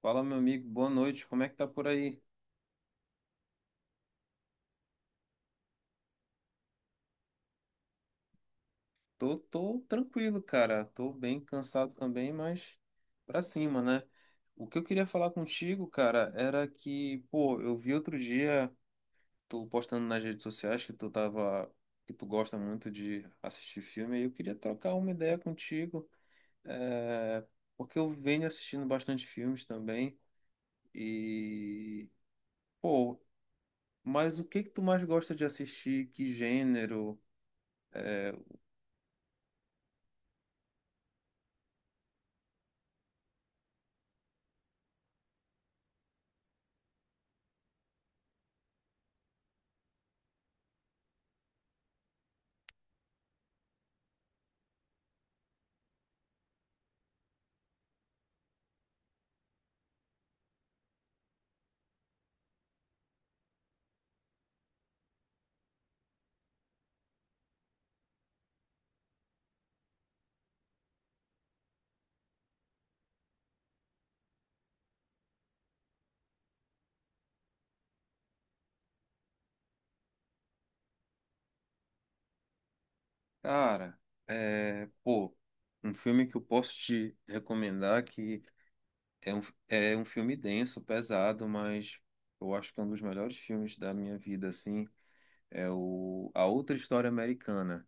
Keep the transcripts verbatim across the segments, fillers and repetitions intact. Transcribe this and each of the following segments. Fala, meu amigo, boa noite. Como é que tá por aí? Tô, tô tranquilo, cara. Tô bem cansado também, mas pra cima, né? O que eu queria falar contigo, cara, era que, pô, eu vi outro dia tu postando nas redes sociais que tu tava, que tu gosta muito de assistir filme, e eu queria trocar uma ideia contigo, é, porque eu venho assistindo bastante filmes também e, pô, mas o que que tu mais gosta de assistir? Que gênero? Cara, é, pô, um filme que eu posso te recomendar que é um, é um filme denso, pesado, mas eu acho que é um dos melhores filmes da minha vida, assim, é o A Outra História Americana,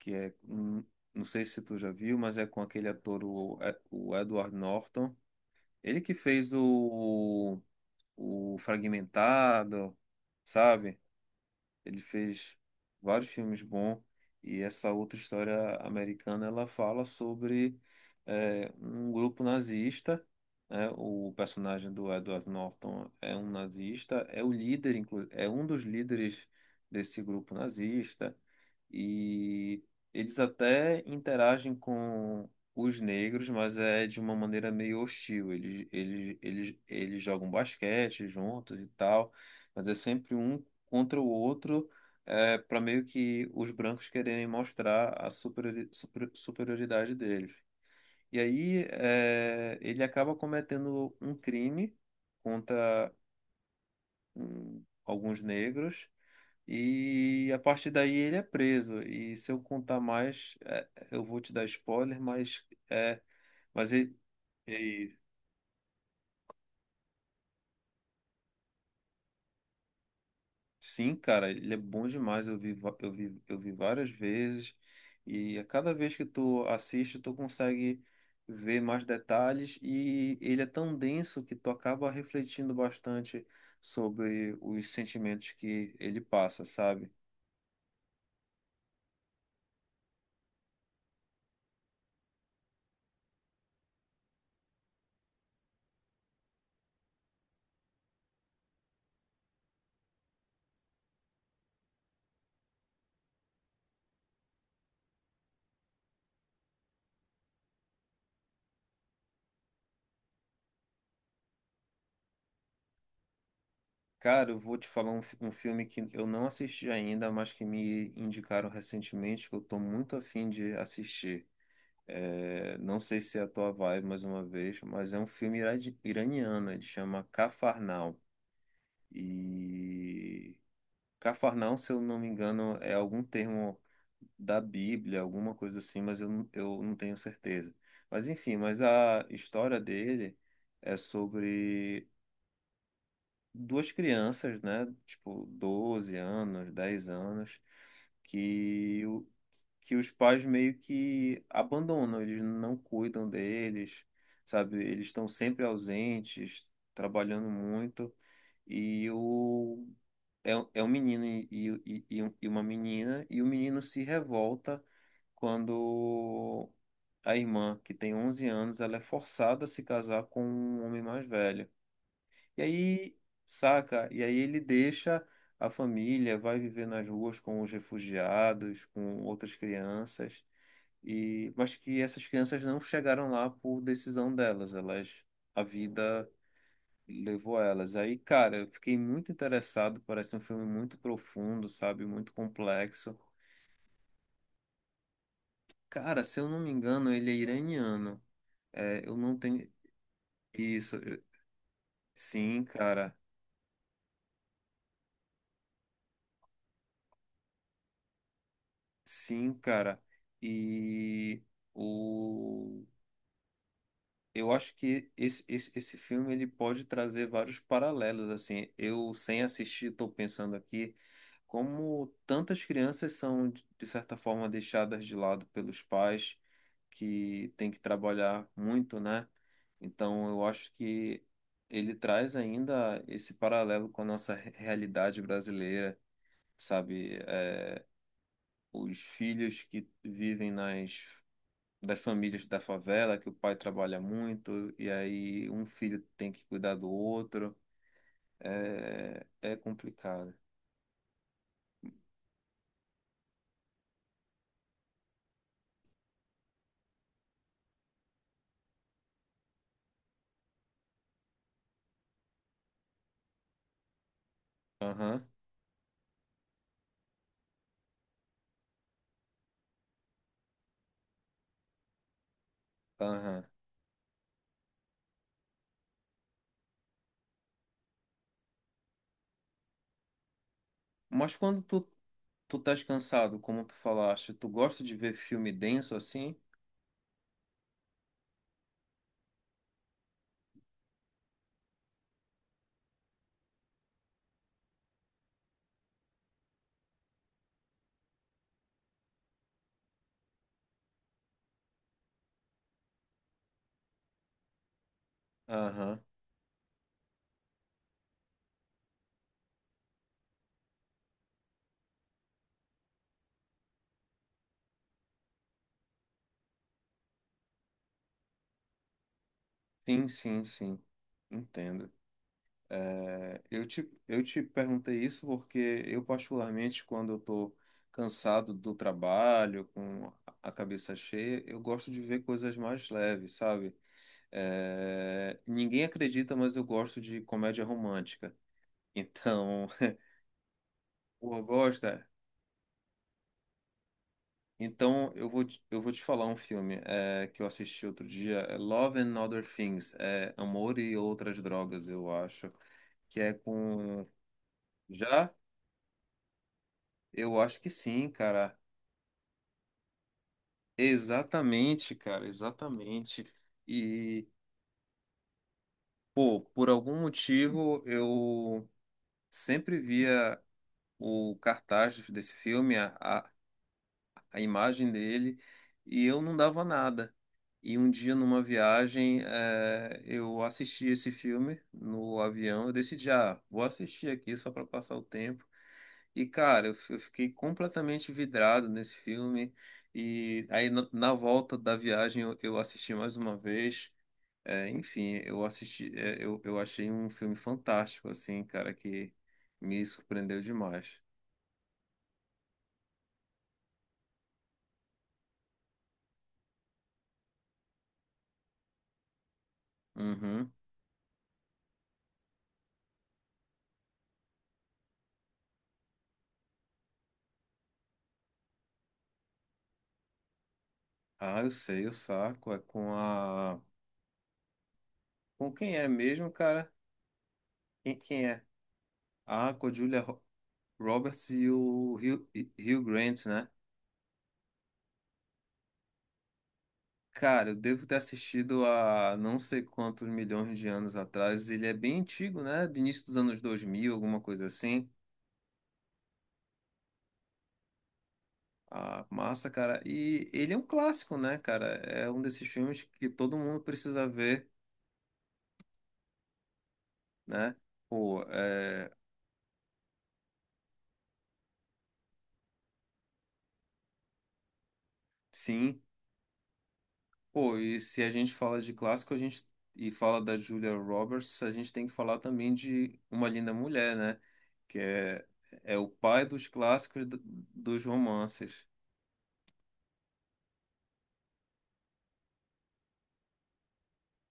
que é, hum, não sei se tu já viu, mas é com aquele ator, o, é, o Edward Norton, ele que fez o, o Fragmentado, sabe? Ele fez vários filmes bons e essa outra história americana ela fala sobre é, um grupo nazista, né? O personagem do Edward Norton é um nazista, é o líder, inclu- é um dos líderes desse grupo nazista e eles até interagem com os negros, mas é de uma maneira meio hostil. Eles, eles, eles, eles jogam basquete juntos e tal, mas é sempre um contra o outro, é, para meio que os brancos quererem mostrar a superiori- super- superioridade deles. E aí é, ele acaba cometendo um crime contra hum, alguns negros e a partir daí ele é preso. E se eu contar mais, é, eu vou te dar spoiler, mas é, mas ele. Sim, cara, ele é bom demais. Eu vi, va- eu vi, eu vi várias vezes e a cada vez que tu assiste, tu consegue ver mais detalhes e ele é tão denso que tu acaba refletindo bastante sobre os sentimentos que ele passa, sabe? Cara, eu vou te falar um, fi- um filme que eu não assisti ainda, mas que me indicaram recentemente, que eu tô muito afim de assistir. É, não sei se é a tua vibe mais uma vez, mas é um filme ira- iraniano, ele chama Cafarnaum. E Cafarnaum, se eu não me engano, é algum termo da Bíblia, alguma coisa assim, mas eu, não- eu não tenho certeza. Mas enfim, mas a história dele é sobre duas crianças, né? Tipo, doze anos, dez anos, que que os pais meio que abandonam, eles não cuidam deles, sabe? Eles estão sempre ausentes, trabalhando muito, e o é, um- é um menino e, e, e, e um- uma menina, e o menino se revolta quando a irmã, que tem onze anos, ela é forçada a se casar com um homem mais velho. E aí, saca? E aí ele deixa a família, vai viver nas ruas com os refugiados, com outras crianças. E, mas que essas crianças não chegaram lá por decisão delas, elas, a vida levou elas. Aí, cara, eu fiquei muito interessado, parece um filme muito profundo, sabe, muito complexo. Cara, se eu não me engano, ele é iraniano. É, eu não tenho isso. eu- Sim, cara. Sim, cara. E o Eu acho que esse, esse, esse filme ele pode trazer vários paralelos assim. Eu sem assistir estou pensando aqui como tantas crianças são de de certa forma deixadas de lado pelos pais que têm que trabalhar muito, né? Então eu acho que ele traz ainda esse paralelo com a nossa re- realidade brasileira, sabe? É, os filhos que vivem nas das famílias da favela, que o pai trabalha muito e aí um filho tem que cuidar do outro. É, é complicado. Aham, aham. Mas quando tu, tu estás cansado, como tu falaste, tu gosta de ver filme denso assim? Aham. Sim, sim, sim. Entendo. É, eu te, eu te perguntei isso porque eu, particularmente, quando eu tô cansado do trabalho, com a cabeça cheia, eu gosto de ver coisas mais leves, sabe? É, ninguém acredita, mas eu gosto de comédia romântica. Então, pô, gosta? Então, eu vou te, eu vou te falar um filme é, que eu assisti outro dia, é Love and Other Things, é Amor e Outras Drogas, eu acho, que é com... Já? Eu acho que sim, cara. Exatamente, cara, exatamente. E, pô, por algum motivo, eu sempre via o cartaz desse filme, a, a imagem dele, e eu não dava nada. E um dia, numa viagem, eh, eu assisti esse filme no avião. Eu decidi, ah, vou assistir aqui só para passar o tempo. E, cara, eu, f- eu fiquei completamente vidrado nesse filme. E aí, na, na volta da viagem, eu, eu assisti mais uma vez. É, enfim, eu assisti, é, eu, eu achei um filme fantástico, assim, cara, que me surpreendeu demais. Uhum. Ah, eu sei, o saco. É com a. Com quem é mesmo, cara? Quem, quem é? Ah, com a Julia Ro- Roberts e o Hugh, e- Hugh Grant, né? Cara, eu devo ter assistido há não sei quantos milhões de anos atrás. Ele é bem antigo, né? Do início dos anos dois mil alguma coisa assim. Ah, massa, cara. E ele é um clássico, né, cara? É um desses filmes que todo mundo precisa ver, né? Pô, é, sim. Pô, e se a gente fala de clássico, a gente e fala da Julia Roberts, a gente tem que falar também de Uma Linda Mulher, né? Que é, é o pai dos clássicos do- dos romances.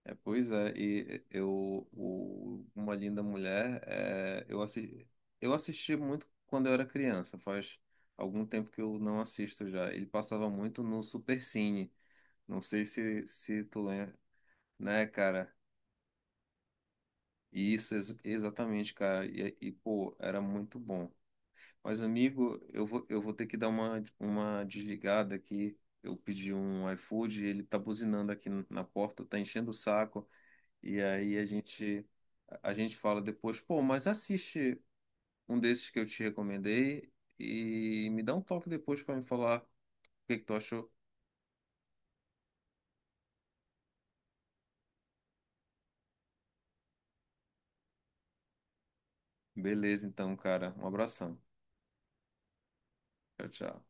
É, pois é, e eu o Uma Linda Mulher, é, eu assisti, eu assisti muito quando eu era criança, faz algum tempo que eu não assisto já. Ele passava muito no Supercine. Não sei se se tu lembra, né, cara? Isso, ex- exatamente, cara. E, e, pô, era muito bom. Mas, amigo, eu vou, eu vou ter que dar uma, uma desligada aqui. Eu pedi um iFood, ele tá buzinando aqui na porta, tá enchendo o saco. E aí a gente, a gente fala depois, pô, mas assiste um desses que eu te recomendei e me dá um toque depois pra me falar o que que tu achou. Beleza, então, cara. Um abração. Tchau, tchau.